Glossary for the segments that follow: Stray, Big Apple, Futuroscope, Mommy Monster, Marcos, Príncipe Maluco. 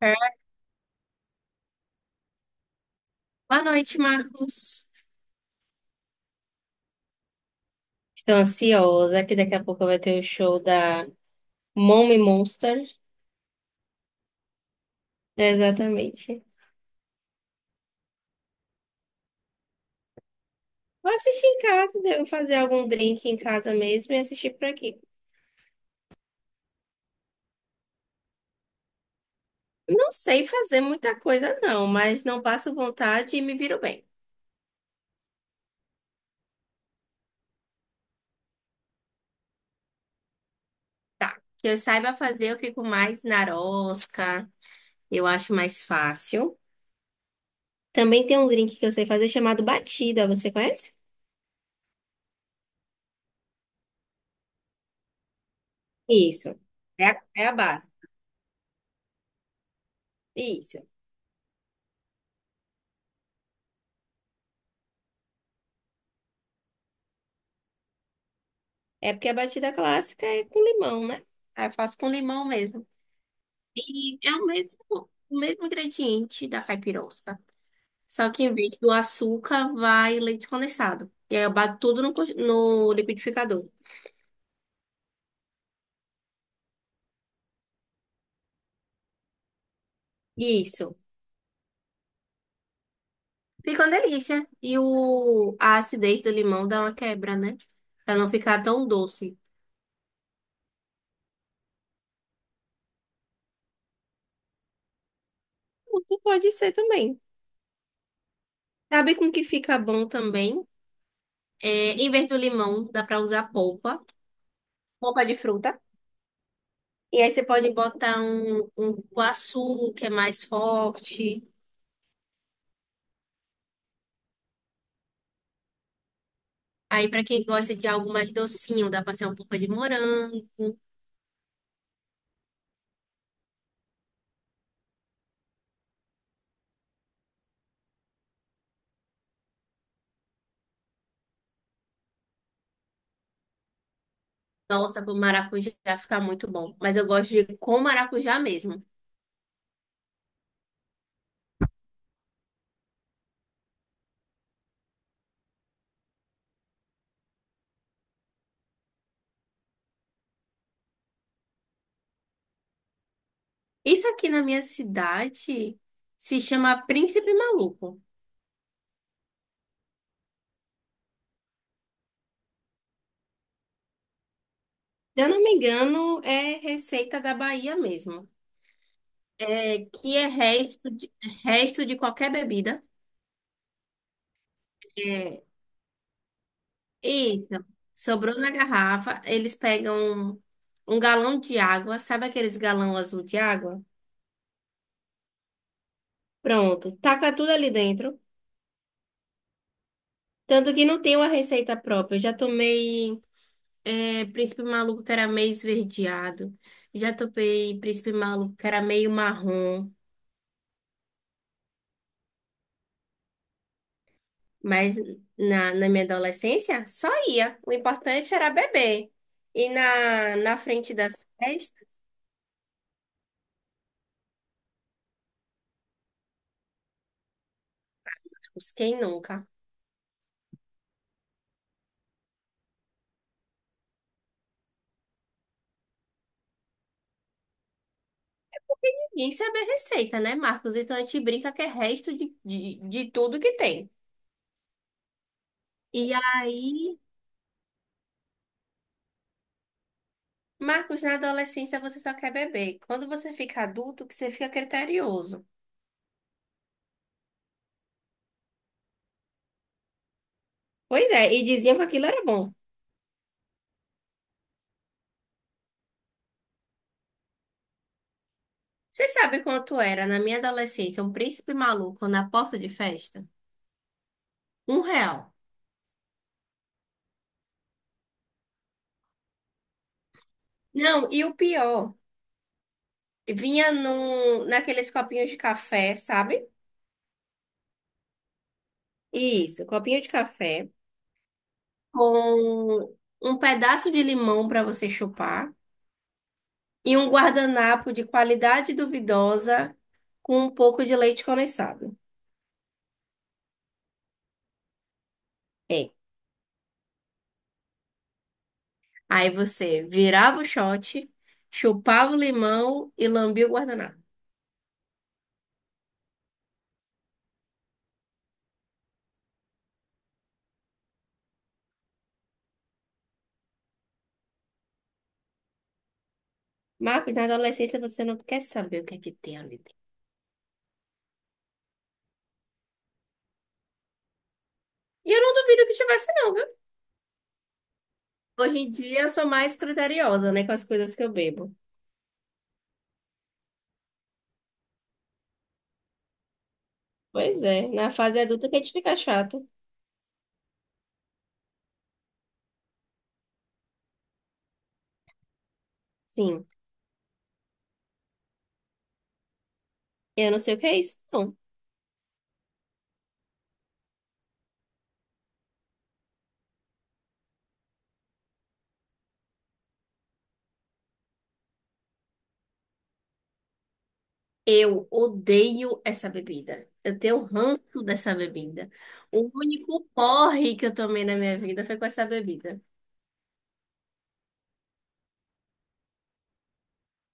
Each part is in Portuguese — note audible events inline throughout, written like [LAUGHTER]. É, Boa noite, Marcos. Estou ansiosa que daqui a pouco vai ter o show da Mommy Monster. Exatamente. Vou assistir em casa, devo fazer algum drink em casa mesmo e assistir por aqui. Não sei fazer muita coisa, não, mas não passo vontade e me viro bem. Tá. Que eu saiba fazer, eu fico mais narosca, eu acho mais fácil. Também tem um drink que eu sei fazer chamado batida, você conhece? Isso. É a base. Isso. É porque a batida clássica é com limão, né? Aí eu faço com limão mesmo. É o mesmo ingrediente da caipirosca. Só que em vez do açúcar, vai leite condensado. E aí eu bato tudo no liquidificador. Isso. Fica uma delícia. A acidez do limão dá uma quebra, né? Pra não ficar tão doce. Muito Pode ser também. Sabe com que fica bom também? É, em vez do limão, dá pra usar polpa. Polpa de fruta. E aí você pode botar um cupuaçu, que é mais forte. Aí, para quem gosta de algo mais docinho, dá pra ser um pouco de morango. Nossa, com maracujá fica muito bom. Mas eu gosto de com maracujá mesmo. Isso aqui na minha cidade se chama Príncipe Maluco. Se eu não me engano, é receita da Bahia mesmo. É, que é resto de qualquer bebida. é Isso. Sobrou na garrafa, eles pegam um galão de água, sabe aqueles galão azul de água? Pronto, taca tudo ali dentro. Tanto que não tem uma receita própria. Eu já tomei príncipe maluco que era meio esverdeado. Já tomei príncipe maluco que era meio marrom. Mas na minha adolescência, só ia. O importante era beber. E na frente das festas, quem nunca? Ninguém sabe a receita, né, Marcos? Então a gente brinca que é resto de tudo que tem. E aí, Marcos, na adolescência você só quer beber. Quando você fica adulto, que você fica criterioso. Pois é, e diziam que aquilo era bom. Você sabe quanto era, na minha adolescência, um príncipe maluco na porta de festa? R$ 1. Não, e o pior, vinha naqueles copinhos de café, sabe? Isso, copinho de café com um pedaço de limão para você chupar. E um guardanapo de qualidade duvidosa com um pouco de leite condensado. É. Aí você virava o shot, chupava o limão e lambia o guardanapo. Marcos, na adolescência você não quer saber o que é que tem ali dentro. E eu não duvido que tivesse, não, viu? Hoje em dia eu sou mais criteriosa, né, com as coisas que eu bebo. Pois é, na fase adulta que a gente fica chato. Sim, eu não sei o que é isso, não. Eu odeio essa bebida. Eu tenho ranço dessa bebida. O único porre que eu tomei na minha vida foi com essa bebida.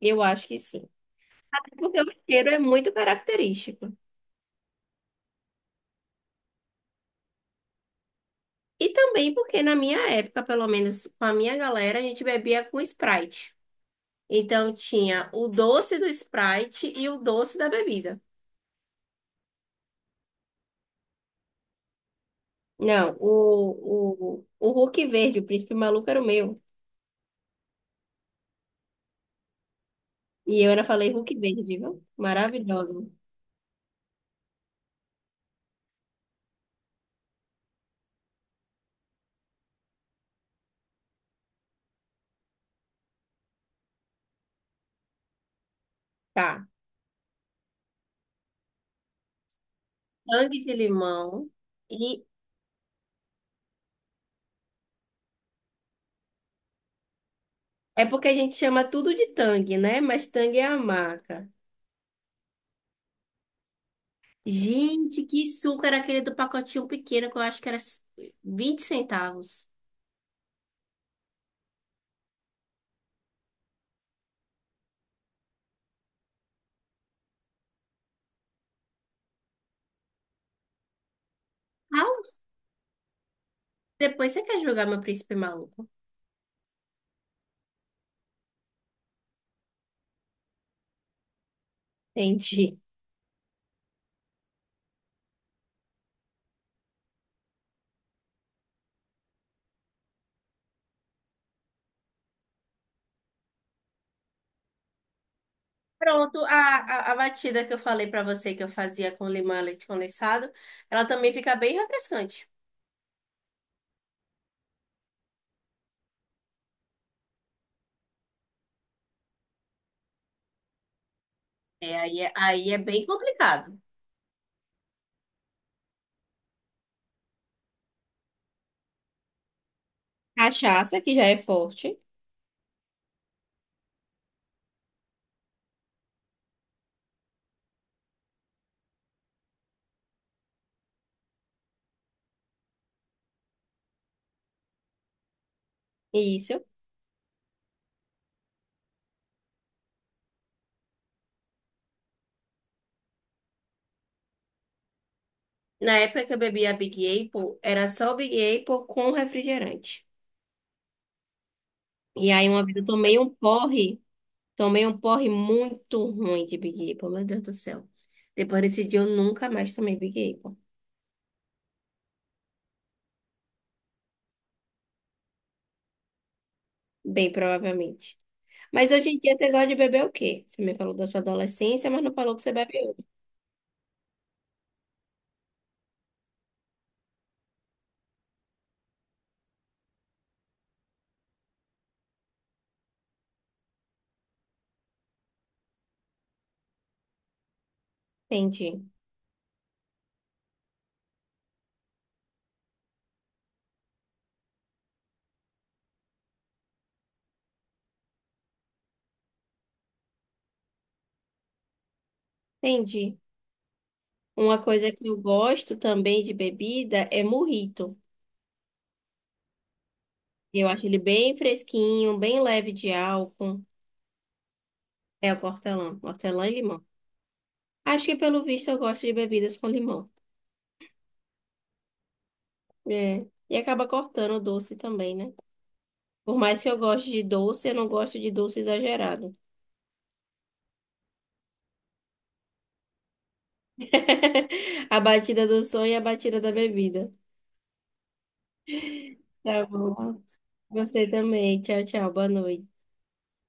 Eu acho que sim. Porque o cheiro é muito característico. E também porque na minha época, pelo menos com a minha galera, a gente bebia com Sprite. Então tinha o doce do Sprite e o doce da bebida. Não, o Hulk verde, o príncipe maluco era o meu. E eu ainda falei Hulk verde, viu? Maravilhoso. Tá. Tangue de limão. E é porque a gente chama tudo de tangue, né? Mas tangue é a marca. Gente, que suco era aquele do pacotinho pequeno que eu acho que era 20 centavos. Ah, depois você quer jogar meu príncipe maluco? Entendi. Pronto, a batida que eu falei pra você que eu fazia com limão e leite condensado, ela também fica bem refrescante. Aí é bem complicado. Cachaça, que já é forte. Isso. Na época que eu bebia Big Apple, era só o Big Apple com refrigerante. E aí uma vez eu tomei um porre muito ruim de Big Apple, meu Deus do céu. Depois desse dia eu nunca mais tomei Big Apple, bem provavelmente. Mas hoje em dia você gosta de beber o quê? Você me falou da sua adolescência, mas não falou que você bebeu. Entendi, entendi. Uma coisa que eu gosto também de bebida é mojito. Eu acho ele bem fresquinho, bem leve de álcool. É o hortelã, hortelã e limão. Acho que pelo visto eu gosto de bebidas com limão. É. E acaba cortando o doce também, né? Por mais que eu goste de doce, eu não gosto de doce exagerado. [LAUGHS] A batida do sonho e a batida da bebida. Tá bom. Você também. Tchau, tchau. Boa noite.